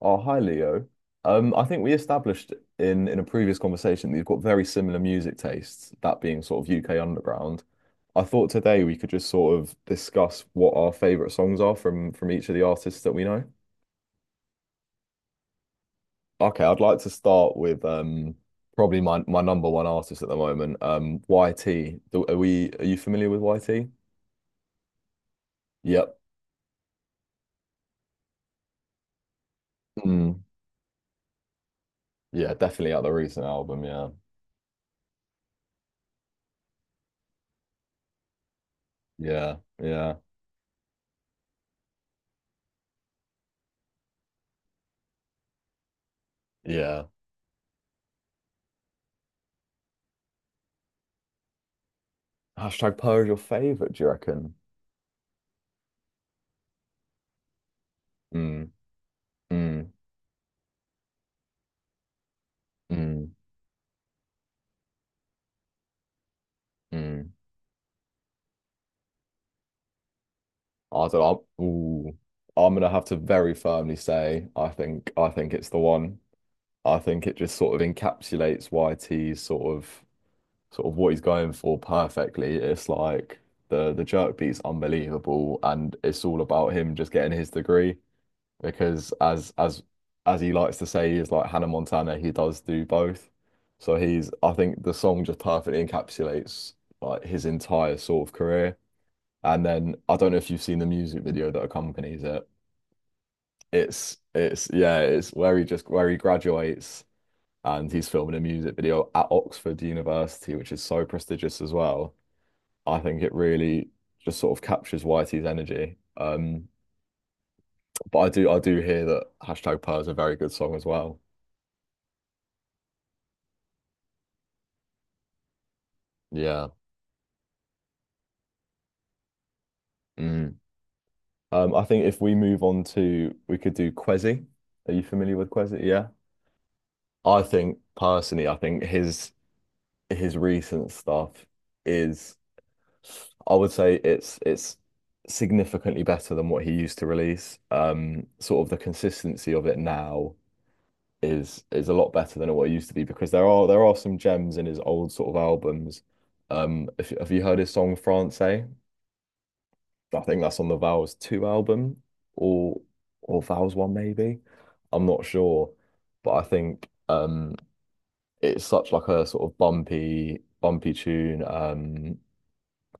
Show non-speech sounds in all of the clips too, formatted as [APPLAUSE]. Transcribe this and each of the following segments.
Oh, hi Leo. I think we established in a previous conversation that you've got very similar music tastes, that being sort of UK underground. I thought today we could just sort of discuss what our favorite songs are from each of the artists that we know. Okay, I'd like to start with probably my number one artist at the moment, YT. Are you familiar with YT? Yep. Mm. Yeah, definitely at the recent album. Yeah, yeah, yeah, yeah. Hashtag Poe is your favorite, do you reckon? Hmm. Mm, mm, mm. I don't know. Ooh, I'm gonna have to very firmly say I think it's the one. I think it just sort of encapsulates YT's sort of what he's going for perfectly. It's like the jerk beat's unbelievable, and it's all about him just getting his degree because as as he likes to say, he's like Hannah Montana. He does do both. So he's I think the song just perfectly encapsulates like his entire sort of career. And then I don't know if you've seen the music video that accompanies it. It's yeah, it's where he just where he graduates and he's filming a music video at Oxford University, which is so prestigious as well. I think it really just sort of captures Whitey's energy. But I do hear that hashtag Pearl is a very good song as well. Yeah. Mm. I think if we move on to, we could do Kwezi. Are you familiar with Kwezi? Yeah. I think personally, I think his recent stuff is, I would say it's significantly better than what he used to release. Sort of the consistency of it now is a lot better than what it used to be, because there are some gems in his old sort of albums. If Have you heard his song Francais? I think that's on the Vows 2 album or or Vows 1 maybe. I'm not sure, but I think it's such like a sort of bumpy tune,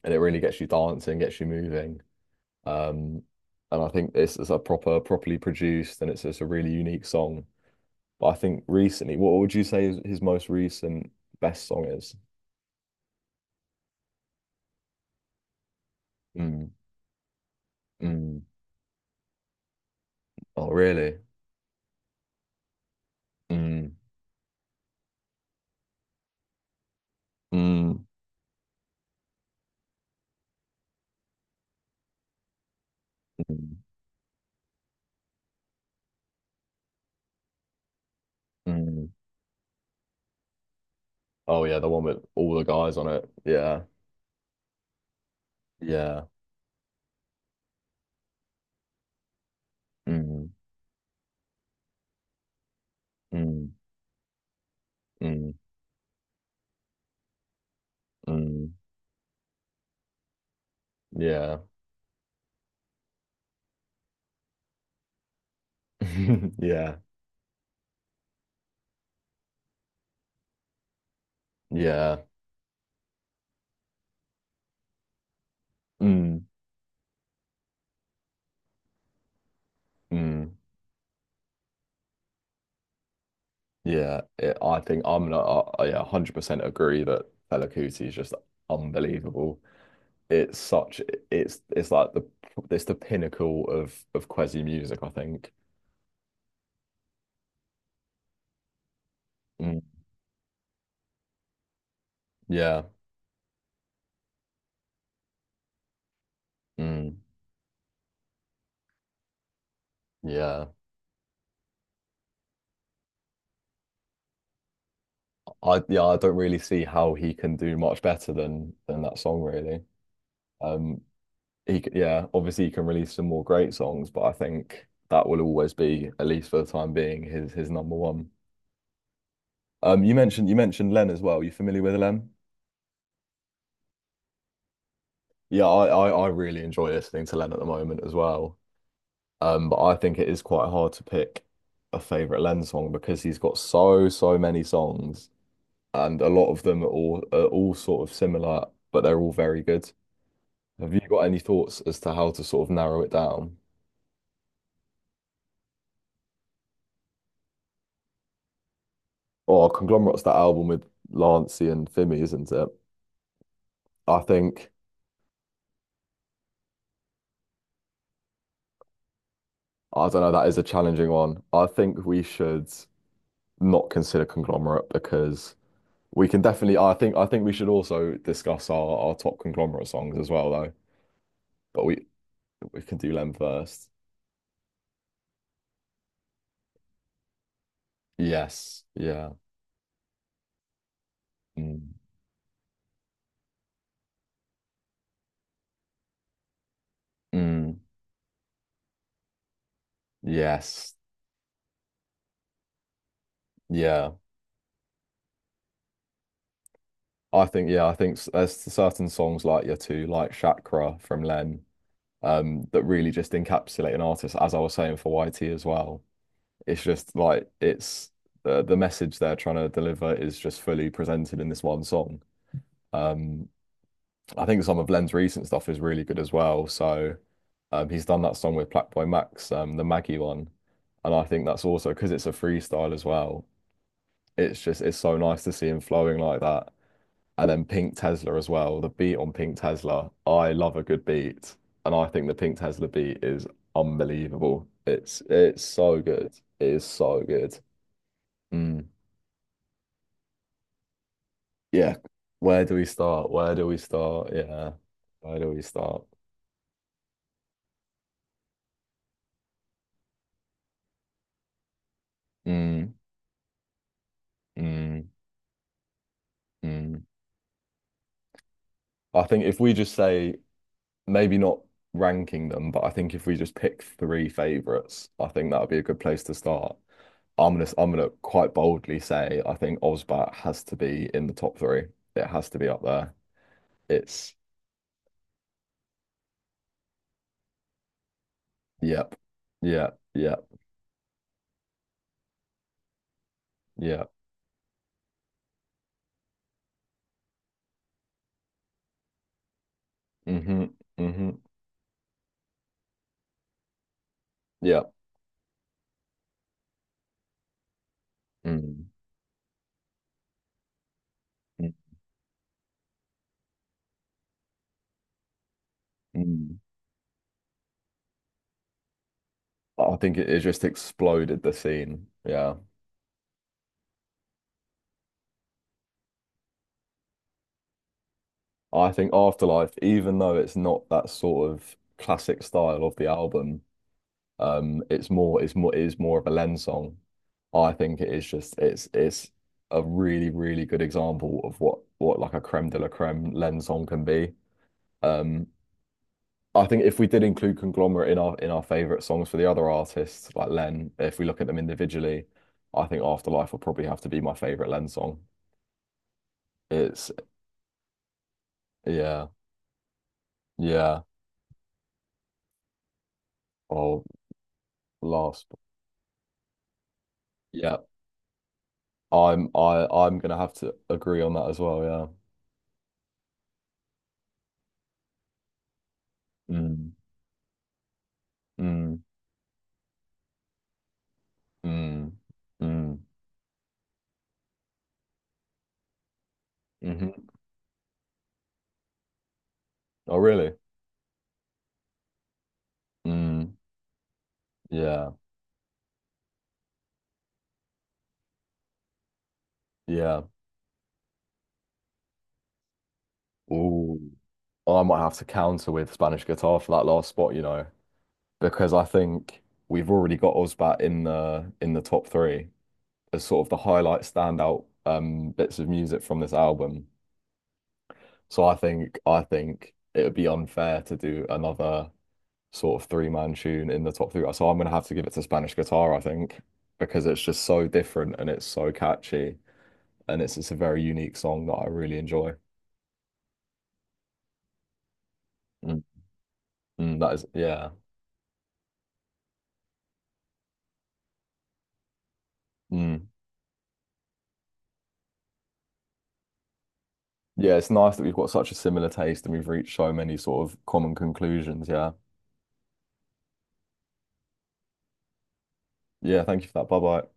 and it really gets you dancing, gets you moving. Um, and I think this is a proper, properly produced, and it's just a really unique song. But I think recently, what would you say is his most recent best song is? Mm, mm. Oh, really? Mm, mm, mm, mm. Oh, yeah, the one with all the guys on it. Yeah, yeah. Mm, mm, mm, mm. Yeah, [LAUGHS] yeah, yeah. Mm, mm. Yeah, I think I'm not, I- yeah, 100% agree that Fela Kuti is just unbelievable. It's such, it's like the it's the pinnacle of Kwezi music, I think. Mm, yeah, mm, yeah. I Yeah, I don't really see how he can do much better than that song, really. Um, yeah, obviously he can release some more great songs, but I think that will always be, at least for the time being, his number one. You mentioned Len as well. You familiar with Len? Yeah, I really enjoy listening to Len at the moment as well. But I think it is quite hard to pick a favorite Len song, because he's got so, so many songs, and a lot of them are all sort of similar, but they're all very good. Have you got any thoughts as to how to sort of narrow it down? Or Conglomerate's that album with Lancey and Fimi, isn't it? I think I don't know, that is a challenging one. I think we should not consider Conglomerate because, we can definitely. I think we should also discuss our top conglomerate songs as well, though. But we can do them first. Yes. Yeah. Mm. Mm. Yes. Yeah. I think. Yeah. There's certain songs like your two, like Chakra from Len, that really just encapsulate an artist. As I was saying for YT as well, it's just like it's the message they're trying to deliver is just fully presented in this one song. Um, I think some of Len's recent stuff is really good as well. So he's done that song with Blackboy Max, the Maggie one, and I think that's also because it's a freestyle as well. It's so nice to see him flowing like that. And then Pink Tesla as well. The beat on Pink Tesla, I love a good beat, and I think the Pink Tesla beat is unbelievable. It's so good. It is so good. Mm. Yeah. Where do we start? Where do we start? Yeah. Where do we start? Mm, mm, mm. I think if we just say maybe not ranking them, but I think if we just pick three favorites, I think that would be a good place to start. I'm gonna quite boldly say I think Osbat has to be in the top three. It has to be up there. It's yep, yep, yep, yep. Mm-hmm. Mm-hmm. Yep. Mm, mm, mm. I think it just exploded the scene. Yeah. I think Afterlife, even though it's not that sort of classic style of the album, it is more of a Len song. I think it is just, it's a really, really good example of what, like a creme de la creme Len song can be. Um, I think if we did include Conglomerate in our favorite songs for the other artists, like Len, if we look at them individually, I think Afterlife will probably have to be my favorite Len song. It's yeah, yeah. Oh, last, yeah. I'm gonna have to agree on that as well. Yeah. Mm, mm. Mm, mm, hmm Oh, really? Mm, yeah, yeah. Ooh. Oh, I might have to counter with Spanish guitar for that last spot, you know, because I think we've already got Ozbat in the top three as sort of the highlight standout bits of music from this album. So I think it would be unfair to do another sort of three-man tune in the top three. So I'm gonna have to give it to Spanish guitar, I think, because it's just so different and it's so catchy. And it's a very unique song that I really enjoy. Mm, that is, yeah. Mm. Yeah, it's nice that we've got such a similar taste and we've reached so many sort of common conclusions. Yeah. Yeah, thank you for that. Bye bye.